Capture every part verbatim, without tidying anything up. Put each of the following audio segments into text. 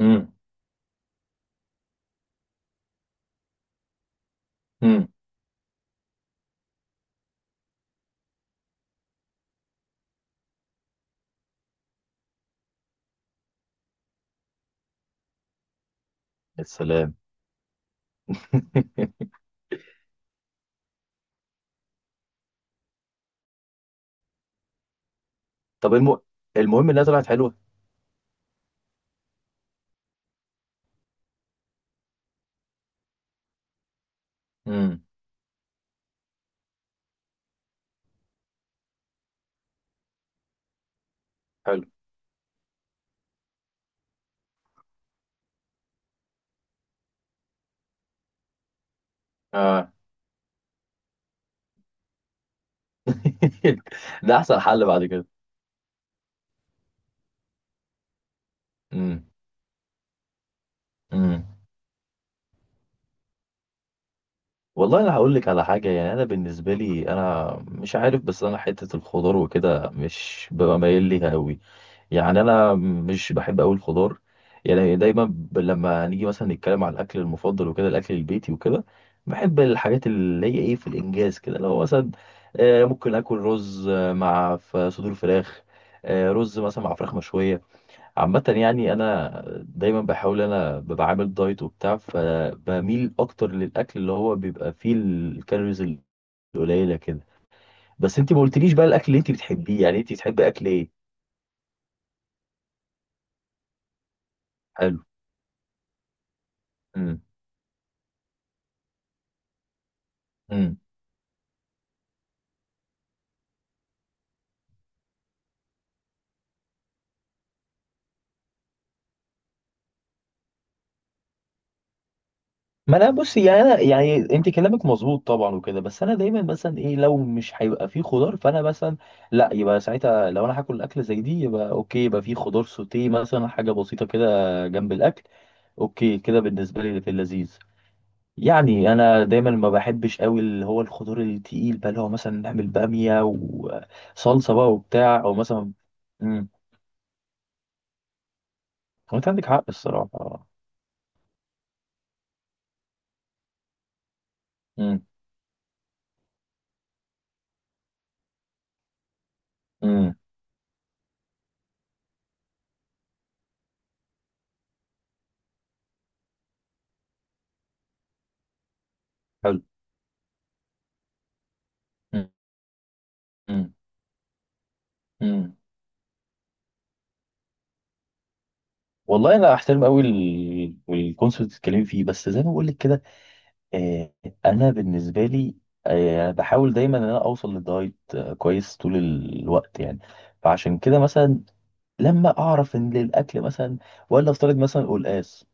امم. امم. يا سلام. طب الم... المهم انها طلعت حلوه. امم. حلو. اه. ده احسن حل بعد كده. امم. امم. والله انا هقول لك على حاجه، يعني انا بالنسبه لي انا مش عارف، بس انا حته الخضار وكده مش ببقى مايل ليها قوي. يعني انا مش بحب قوي الخضار. يعني دايما ب- لما نيجي مثلا نتكلم على الاكل المفضل وكده الاكل البيتي وكده، بحب الحاجات اللي هي ايه في الانجاز كده، لو مثلا آه، ممكن اكل رز آه، مع ف- صدور فراخ، آه، رز مثلا مع فراخ مشويه. عامه يعني انا دايما بحاول، انا ببقى عامل دايت وبتاع فبميل اكتر للاكل اللي هو بيبقى فيه الكالوريز القليله كده. بس انت ما قلتليش بقى الاكل اللي انت بتحبيه، يعني انت بتحبي اكل ايه؟ حلو. امم. إمم. ما انا بص، يعني انا يعني انت كلامك مظبوط طبعا وكده، بس انا دايما مثلا ايه لو مش هيبقى فيه خضار فانا مثلا لا، يبقى ساعتها لو انا هاكل اكل زي دي يبقى اوكي، يبقى فيه خضار سوتيه مثلا، حاجه بسيطه كده جنب الاكل. اوكي كده بالنسبه لي في اللذيذ. يعني انا دايما ما بحبش قوي اللي هو الخضار التقيل بقى، اللي هو مثلا نعمل باميه وصلصه بقى وبتاع، او مثلا امم. هو انت عندك حق الصراحه. امم. امم. حلو. امم. إمم، إمم. والله انا احترم قوي الكونسبت اللي بتتكلمي فيه، بس زي ما بقول لك كده. آه. انا بالنسبه لي آه، بحاول دايما ان انا اوصل للدايت آه، كويس طول الوقت يعني. فعشان كده مثلا لما اعرف ان الاكل مثلا ولا افترض مثلا قلقاس،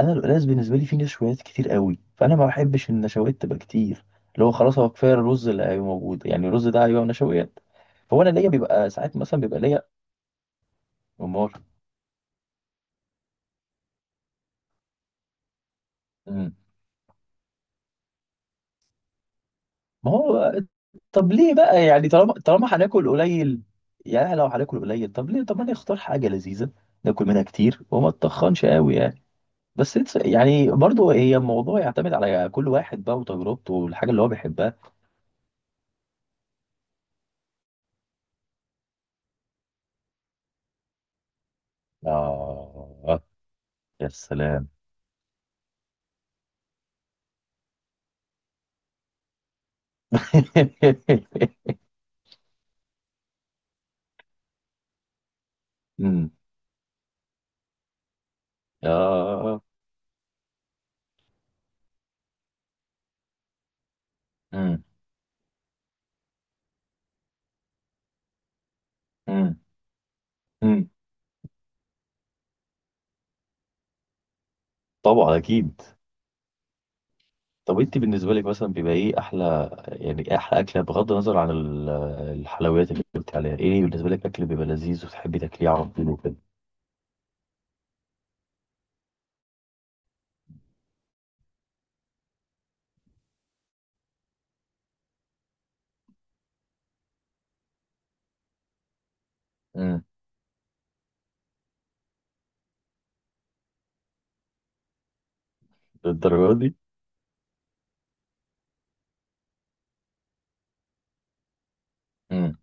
انا القلقاس بالنسبه لي فيه نشويات كتير قوي، فانا ما بحبش النشويات تبقى كتير، اللي هو خلاص هو كفايه الرز اللي هيبقى موجود، يعني الرز ده هيبقى نشويات. فهو انا ليا بيبقى ساعات مثلا بيبقى ليا امال. ما هو طب ليه بقى؟ يعني طالما طالما هناكل قليل، يعني لو هناكل قليل طب ليه، طب ما نختار حاجة لذيذة ناكل منها كتير وما تتخنش قوي يعني. بس it's- يعني برضو هي الموضوع يعتمد على كل واحد بقى وتجربته والحاجة اللي هو بيحبها. آه. يا سلام. امم. آه. امم. امم. أمم. طبعا أكيد. طب انت بالنسبه لك مثلا بيبقى ايه احلى، يعني ايه احلى اكله بغض النظر عن ال- الحلويات اللي قلت عليها، ايه بالنسبه لك اكل بيبقى لذيذ وتحبي تاكليه على طول وكده؟ امم. للدرجه دي؟ امم.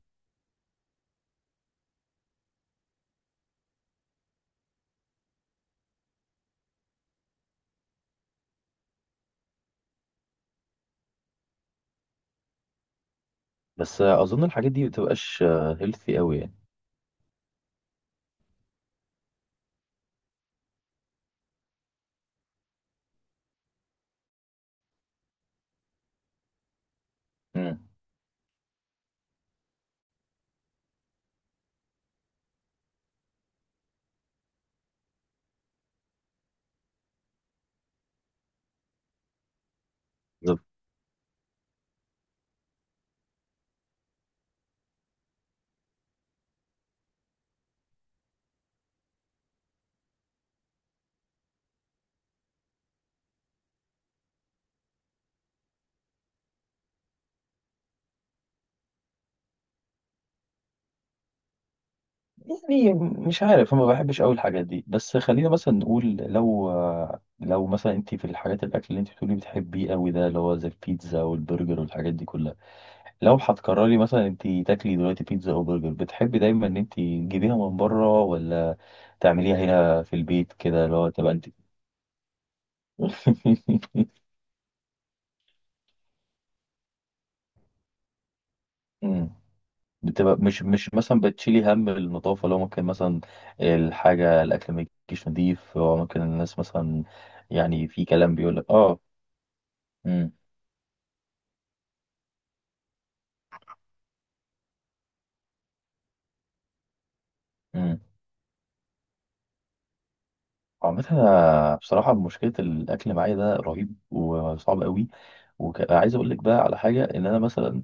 بس اظن الحاجات دي ما بتبقاش هيلثي قوي يعني. امم. بالظبط. يعني مش عارف، انا ما بحبش قوي الحاجات دي. بس خلينا مثلا نقول لو لو مثلا انت في الحاجات، الاكل اللي انت بتقولي بتحبيه قوي ده اللي هو زي البيتزا والبرجر والحاجات دي كلها، لو هتقرري مثلا انت تاكلي دلوقتي بيتزا او برجر بتحبي دايما ان انت تجيبيها من بره ولا تعمليها هنا في البيت كده اللي هو تبقى انت. مم. بتبقى مش مش مثلا بتشيلي هم النظافة، لو ممكن مثلا الحاجة الأكل ما يجيش نضيف أو ممكن الناس مثلا، يعني في كلام بيقول لك اه. مم. مم. عامة أنا بصراحة مشكلة الأكل معايا ده رهيب وصعب قوي. وعايز أقول لك بقى على حاجة، إن أنا مثلا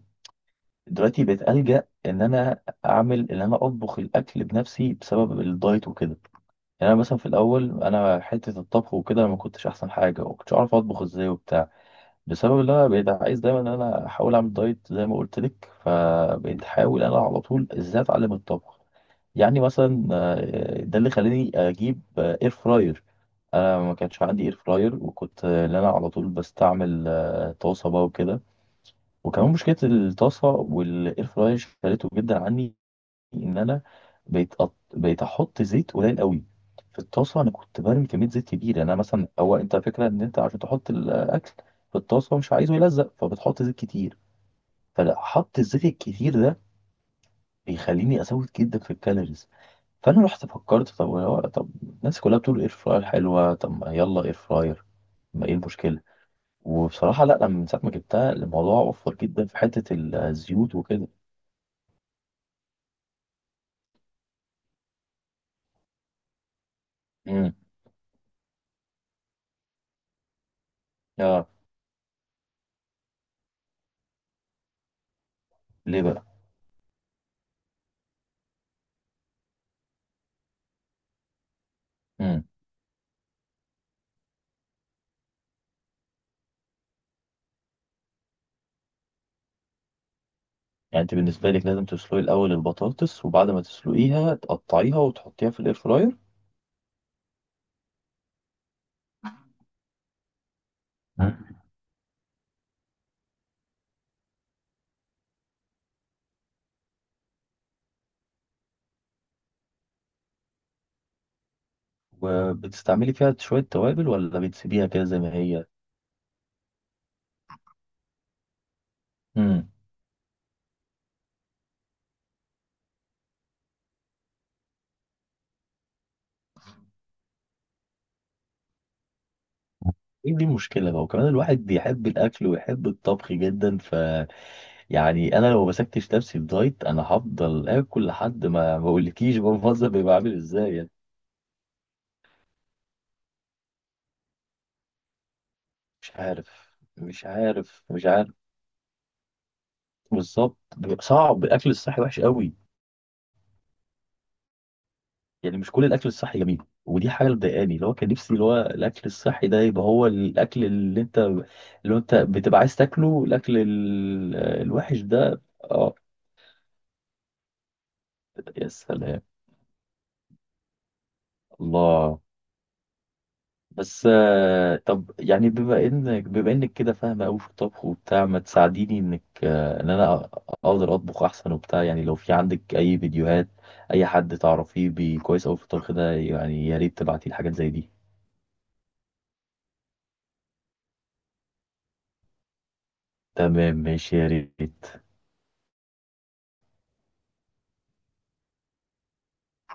دلوقتي بقيت ألجأ إن أنا أعمل، إن أنا أطبخ الأكل بنفسي بسبب الدايت وكده. يعني أنا مثلا في الأول أنا حتة الطبخ وكده أنا ما كنتش أحسن حاجة وما كنتش أعرف أطبخ إزاي وبتاع، بسبب إن أنا بقيت عايز دايما إن أنا أحاول أعمل دايت زي ما قلت لك، فبقيت أحاول أنا على طول إزاي أتعلم الطبخ. يعني مثلا آه، ده اللي خلاني أجيب إير فراير. أنا ما كانش عندي إير فراير، وكنت آه، إن أنا على طول بستعمل آه، طاسة بقى وكده. وكمان مشكله الطاسه والاير فراير شالته جدا عني، ان انا بقيت أط... بقيت احط زيت قليل قوي في الطاسه. انا كنت برمي كميه زيت كبيره، يعني انا مثلا هو انت فكره ان انت عشان تحط الاكل في الطاسه مش عايزه يلزق فبتحط زيت كتير، فحط الزيت الكتير ده بيخليني ازود جدا في الكالوريز. فانا رحت فكرت طب هو- طب الناس كلها بتقول اير فراير حلوه، طب ما يلا اير فراير، ما ايه المشكله. وبصراحه لا، لما من ساعه ما جبتها الموضوع وفر جدا في حته الزيوت وكده. اه. ليه بقى؟ امم. يعني انت بالنسبه لك لازم تسلقي الاول البطاطس وبعد ما تسلقيها تقطعيها وتحطيها في الاير فراير؟ مم. وبتستعملي فيها شويه توابل ولا بتسيبيها كده زي ما هي؟ امم. ايه دي المشكله بقى، وكمان الواحد بيحب الاكل ويحب الطبخ جدا ف، يعني انا لو مسكتش نفسي في دايت انا هفضل اكل لحد ما ما اقولكيش بقى المنظر بيبقى عامل ازاي يعني. مش عارف مش عارف مش عارف. بالظبط بيبقى صعب، الاكل الصحي وحش قوي. يعني مش كل الاكل الصحي جميل، ودي حاجه اللي مضايقاني، اللي هو كان نفسي اللي هو الاكل الصحي ده يبقى هو الاكل اللي انت اللي هو انت بتبقى عايز تاكله، الاكل ال- الوحش ده اه. يا سلام. الله. بس آه، طب يعني بما انك بما انك كده فاهمه قوي في الطبخ وبتاع، ما تساعديني انك آه، ان انا اقدر اطبخ احسن وبتاع، يعني لو في عندك اي فيديوهات اي حد تعرفيه بي- كويس قوي في الطبخ ده، يعني يا ريت تبعتي لي حاجات زي دي. تمام ماشي يا ريت.